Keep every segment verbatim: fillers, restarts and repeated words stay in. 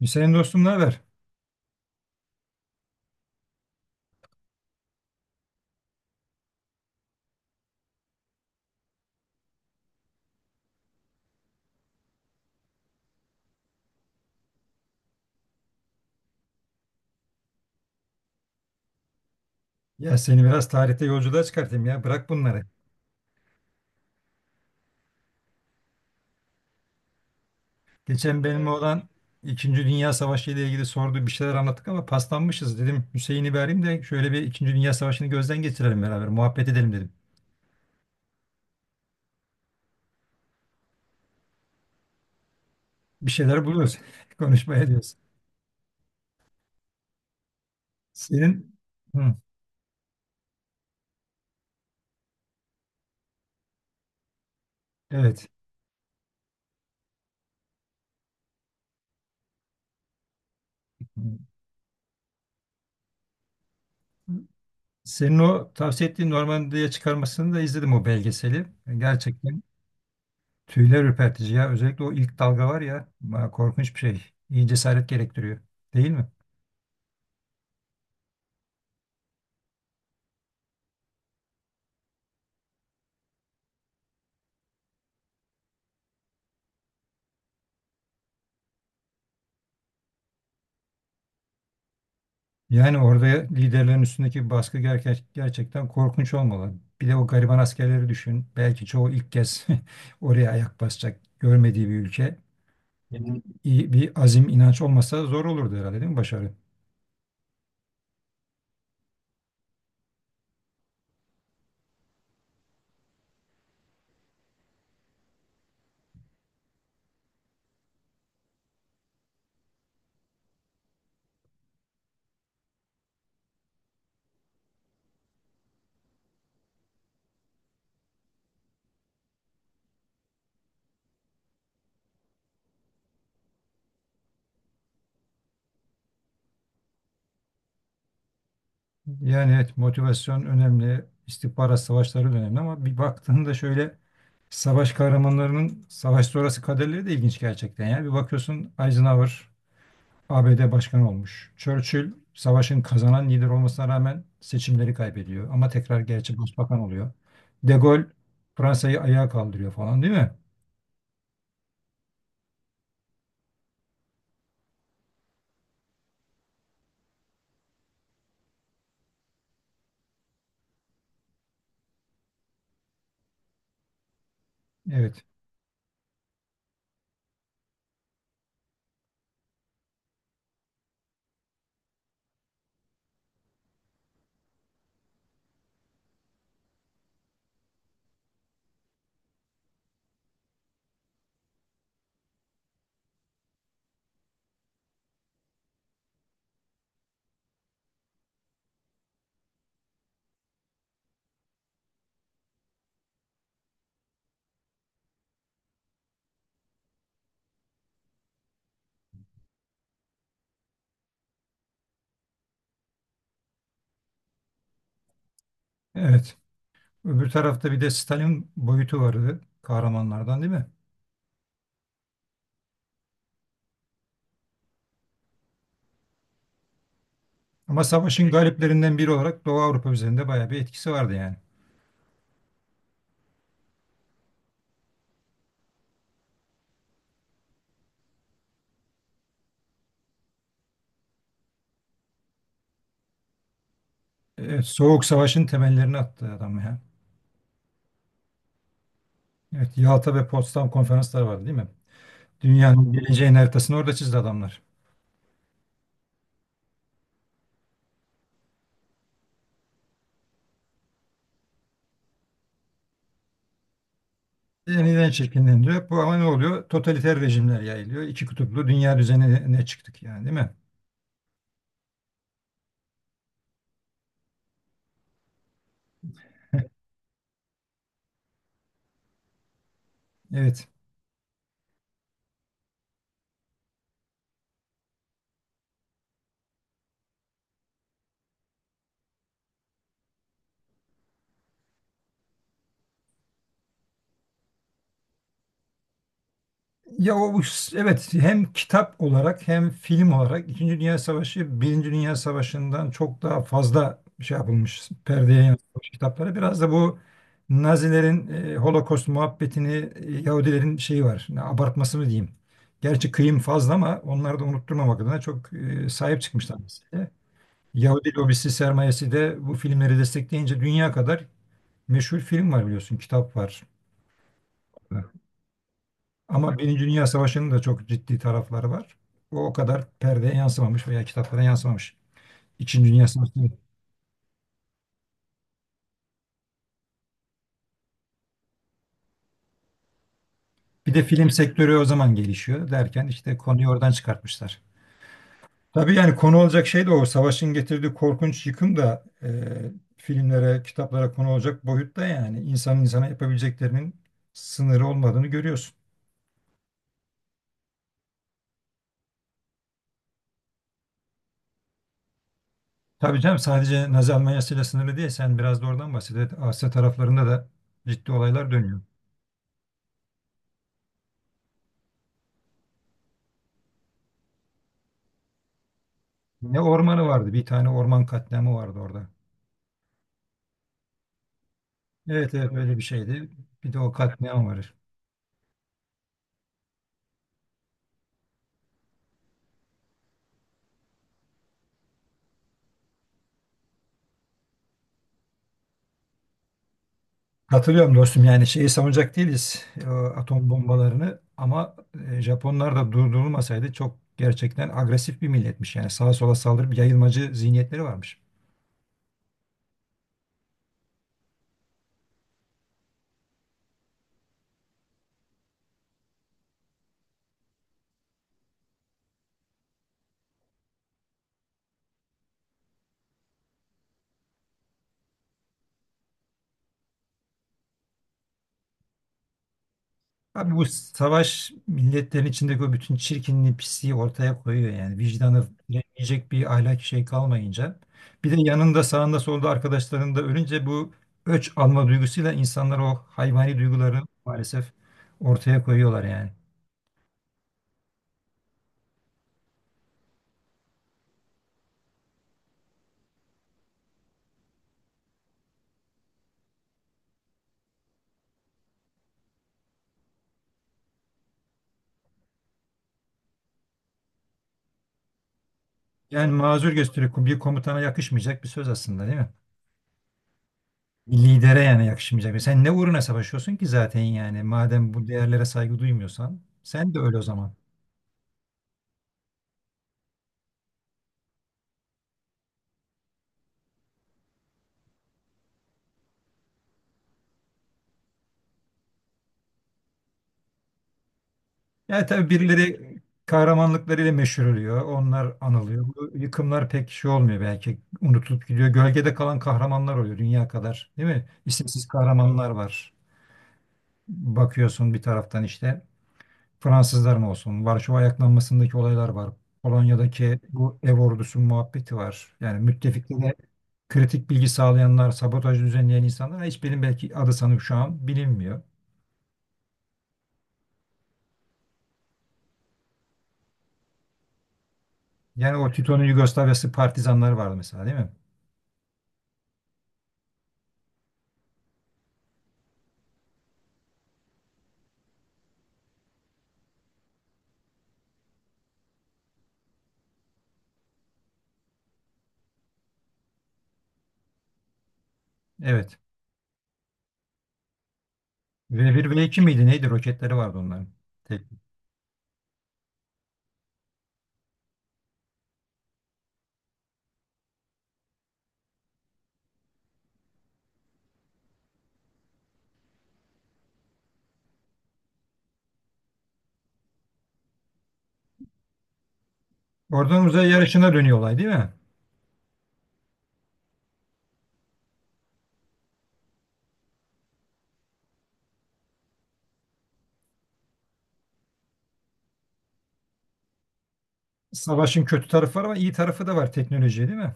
Hüseyin dostum, ne haber? Ya seni biraz tarihte yolculuğa çıkartayım ya. Bırak bunları. Geçen benim olan İkinci Dünya Savaşı ile ilgili sordu, bir şeyler anlattık ama paslanmışız dedim. Hüseyin'i bir arayayım da şöyle bir İkinci Dünya Savaşı'nı gözden geçirelim beraber, muhabbet edelim dedim. Bir şeyler buluyoruz. Konuşmaya diyoruz. Senin Hı, evet. Senin o tavsiye ettiğin Normandiya'ya çıkarmasını da izledim, o belgeseli. Gerçekten tüyler ürpertici ya. Özellikle o ilk dalga var ya. ma- Korkunç bir şey. İyi cesaret gerektiriyor, değil mi? Yani orada liderlerin üstündeki baskı gerke- gerçekten korkunç olmalı. Bir de o gariban askerleri düşün. Belki çoğu ilk kez oraya ayak basacak, görmediği bir ülke. İyi bir azim, inanç olmasa zor olurdu herhalde, değil mi başarı? Yani evet, motivasyon önemli, istihbarat savaşları da önemli ama bir baktığında şöyle, savaş kahramanlarının savaş sonrası kaderleri de ilginç gerçekten. Yani bir bakıyorsun, Eisenhower A B D başkanı olmuş. Churchill savaşın kazanan lider olmasına rağmen seçimleri kaybediyor. Ama tekrar gerçi başbakan oluyor. De Gaulle Fransa'yı ayağa kaldırıyor falan, değil mi? Evet. Evet. Öbür tarafta bir de Stalin boyutu vardı, kahramanlardan değil mi? Ama savaşın galiplerinden biri olarak Doğu Avrupa üzerinde bayağı bir etkisi vardı yani. Evet, Soğuk Savaş'ın temellerini attı adam ya. Evet, Yalta ve Potsdam konferansları vardı değil mi? Dünyanın geleceğin haritasını orada çizdi adamlar. Yeniden şekillendiriyor. Bu ama ne oluyor? Totaliter rejimler yayılıyor. İki kutuplu dünya düzenine çıktık yani, değil mi? Evet. Ya o bu- evet, hem kitap olarak hem film olarak İkinci Dünya Savaşı Birinci Dünya Savaşı'ndan çok daha fazla şey yapılmış, perdeye yansıtılmış, kitapları. Biraz da bu Nazilerin e, Holocaust muhabbetini, e, Yahudilerin şeyi var. Ne, abartması mı diyeyim? Gerçi kıyım fazla ama onları da unutturmamak adına çok e, sahip çıkmışlar mesela. Yahudi lobisi sermayesi de bu filmleri destekleyince dünya kadar meşhur film var, biliyorsun, kitap var. Ama Birinci Dünya Savaşı'nın da çok ciddi tarafları var. O o kadar perdeye yansımamış veya kitaplara yansımamış. İkinci Dünya Savaşı. Bir de film sektörü o zaman gelişiyor derken işte konuyu oradan çıkartmışlar. Tabii yani konu olacak şey de o. Savaşın getirdiği korkunç yıkım da e, filmlere, kitaplara konu olacak boyutta yani. İnsanın insana yapabileceklerinin sınırı olmadığını görüyorsun. Tabii canım, sadece Nazi Almanyası ile sınırlı değil. Sen biraz da oradan bahset. Evet, Asya taraflarında da ciddi olaylar dönüyor. Ne ormanı vardı? Bir tane orman katliamı vardı orada. Evet, evet, öyle bir şeydi. Bir de o katliam var. Katılıyorum dostum. Yani şeyi savunacak değiliz, e, atom bombalarını, ama e, Japonlar da durdurulmasaydı çok, gerçekten agresif bir milletmiş. Yani sağa sola saldırıp yayılmacı zihniyetleri varmış. Abi bu savaş milletlerin içindeki o bütün çirkinliği, pisliği ortaya koyuyor yani. Vicdanı yiyecek bir ahlaki şey kalmayınca. Bir de yanında, sağında, solda arkadaşların da ölünce, bu öç alma duygusuyla insanlar o hayvani duyguları maalesef ortaya koyuyorlar yani. Yani mazur gösteriyor. Bir komutana yakışmayacak bir söz aslında, değil mi? Bir lidere yani yakışmayacak. bir- Sen ne uğruna savaşıyorsun ki zaten yani. Madem bu değerlere saygı duymuyorsan, sen de öyle o zaman. Yani tabii birileri kahramanlıklarıyla meşhur oluyor. Onlar anılıyor. Bu yıkımlar pek şey olmuyor belki. Unutulup gidiyor. Gölgede kalan kahramanlar oluyor dünya kadar. Değil mi? İsimsiz kahramanlar var. Bakıyorsun bir taraftan işte Fransızlar mı olsun? Varşova ayaklanmasındaki olaylar var. Polonya'daki bu ev ordusu muhabbeti var. Yani müttefiklere kritik bilgi sağlayanlar, sabotaj düzenleyen insanlar, hiçbirinin belki adı sanıp şu an bilinmiyor. Yani o Tito'nun Yugoslavyası partizanları vardı mesela, değil mi? Evet. v bir v iki miydi neydi, roketleri vardı onların. Tek- Oradan uzay yarışına dönüyor olay, değil mi? Savaşın kötü tarafı var ama iyi tarafı da var, teknoloji, değil mi?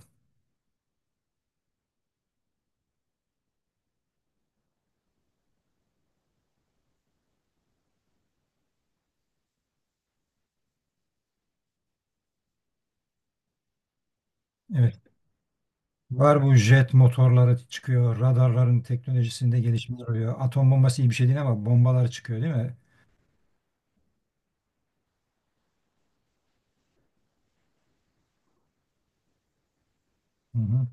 Evet. Var, bu jet motorları çıkıyor, radarların teknolojisinde gelişmeler oluyor. Atom bombası iyi bir şey değil ama bombalar çıkıyor, değil mi? Hı hı.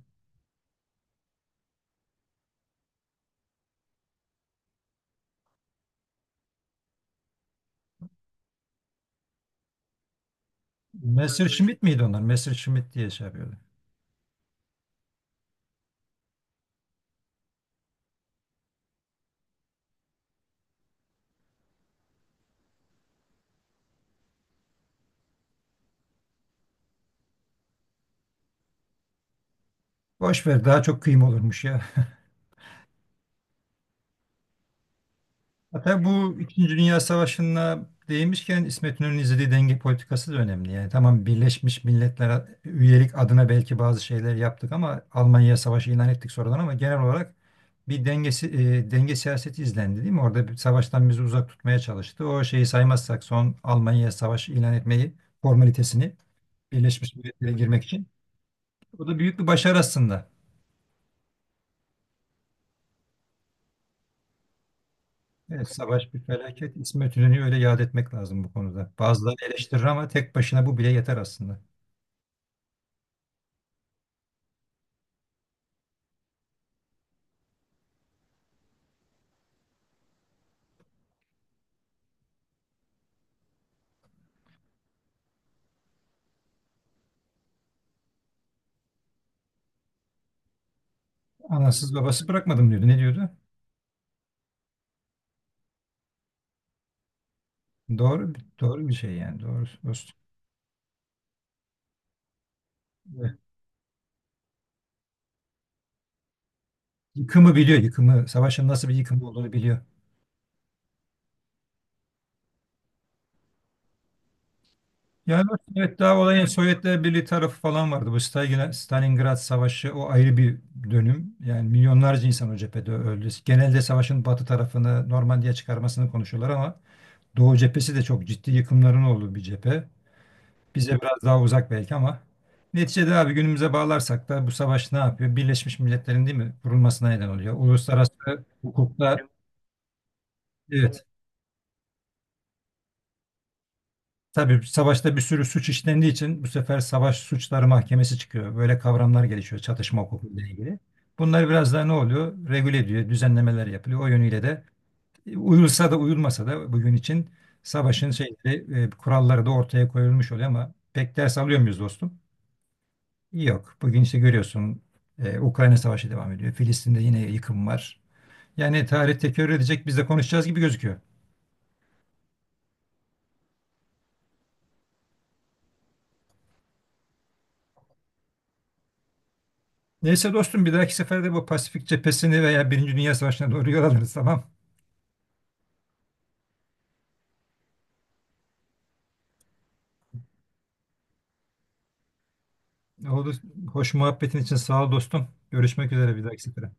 Messerschmitt miydi onlar? Messerschmitt diye şey yapıyordu. Boş ver, daha çok kıyım olurmuş ya. Hatta bu İkinci Dünya Savaşı'na değinmişken İsmet İnönü'nün izlediği denge politikası da önemli. Yani tamam, Birleşmiş Milletler üyelik adına belki bazı şeyler yaptık, ama Almanya'ya savaşı ilan ettik sonradan, ama genel olarak bir dengesi, e, denge siyaseti izlendi, değil mi? Orada bir, savaştan bizi uzak tutmaya çalıştı. O şeyi saymazsak, son Almanya'ya Savaşı ilan etmeyi, formalitesini, Birleşmiş Milletler'e girmek için. O da büyük bir başarı aslında. Evet, savaş bir felaket. İsmet İnönü'yü öyle yad etmek lazım bu konuda. Bazıları eleştirir ama tek başına bu bile yeter aslında. Anasız babası bırakmadım diyordu. Ne diyordu? Doğru, doğru bir şey yani. Doğru dostum. Evet. Yıkımı biliyor, yıkımı. Savaşın nasıl bir yıkım olduğunu biliyor. Yani dostum, evet, daha olayın Sovyetler Birliği tarafı falan vardı. Bu Stalin- Stalingrad Savaşı o ayrı bir dönüm. Yani milyonlarca insan o cephede öldü. Genelde savaşın batı tarafını, Normandiya çıkarmasını konuşuyorlar ama Doğu cephesi de çok ciddi yıkımların olduğu bir cephe. Bize biraz daha uzak belki ama neticede abi, günümüze bağlarsak da, bu savaş ne yapıyor? Birleşmiş Milletler'in, değil mi, kurulmasına neden oluyor. Uluslararası hukukta evet, tabii savaşta bir sürü suç işlendiği için bu sefer savaş suçları mahkemesi çıkıyor. Böyle kavramlar gelişiyor çatışma hukukuyla ilgili. Bunlar biraz daha ne oluyor? Regüle ediyor, düzenlemeler yapılıyor. O yönüyle de e, uyulsa da uyulmasa da bugün için savaşın şeyleri, e, kuralları da ortaya koyulmuş oluyor ama pek ders alıyor muyuz dostum? Yok. Bugün işte görüyorsun, e, Ukrayna Savaşı devam ediyor. Filistin'de yine yıkım var. Yani tarih tekrar edecek, biz de konuşacağız gibi gözüküyor. Neyse dostum, bir dahaki seferde bu Pasifik cephesini veya Birinci Dünya Savaşı'na doğru yol alırız, tamam. Oldu. Hoş muhabbetin için sağ ol dostum. Görüşmek üzere, bir dahaki sefere.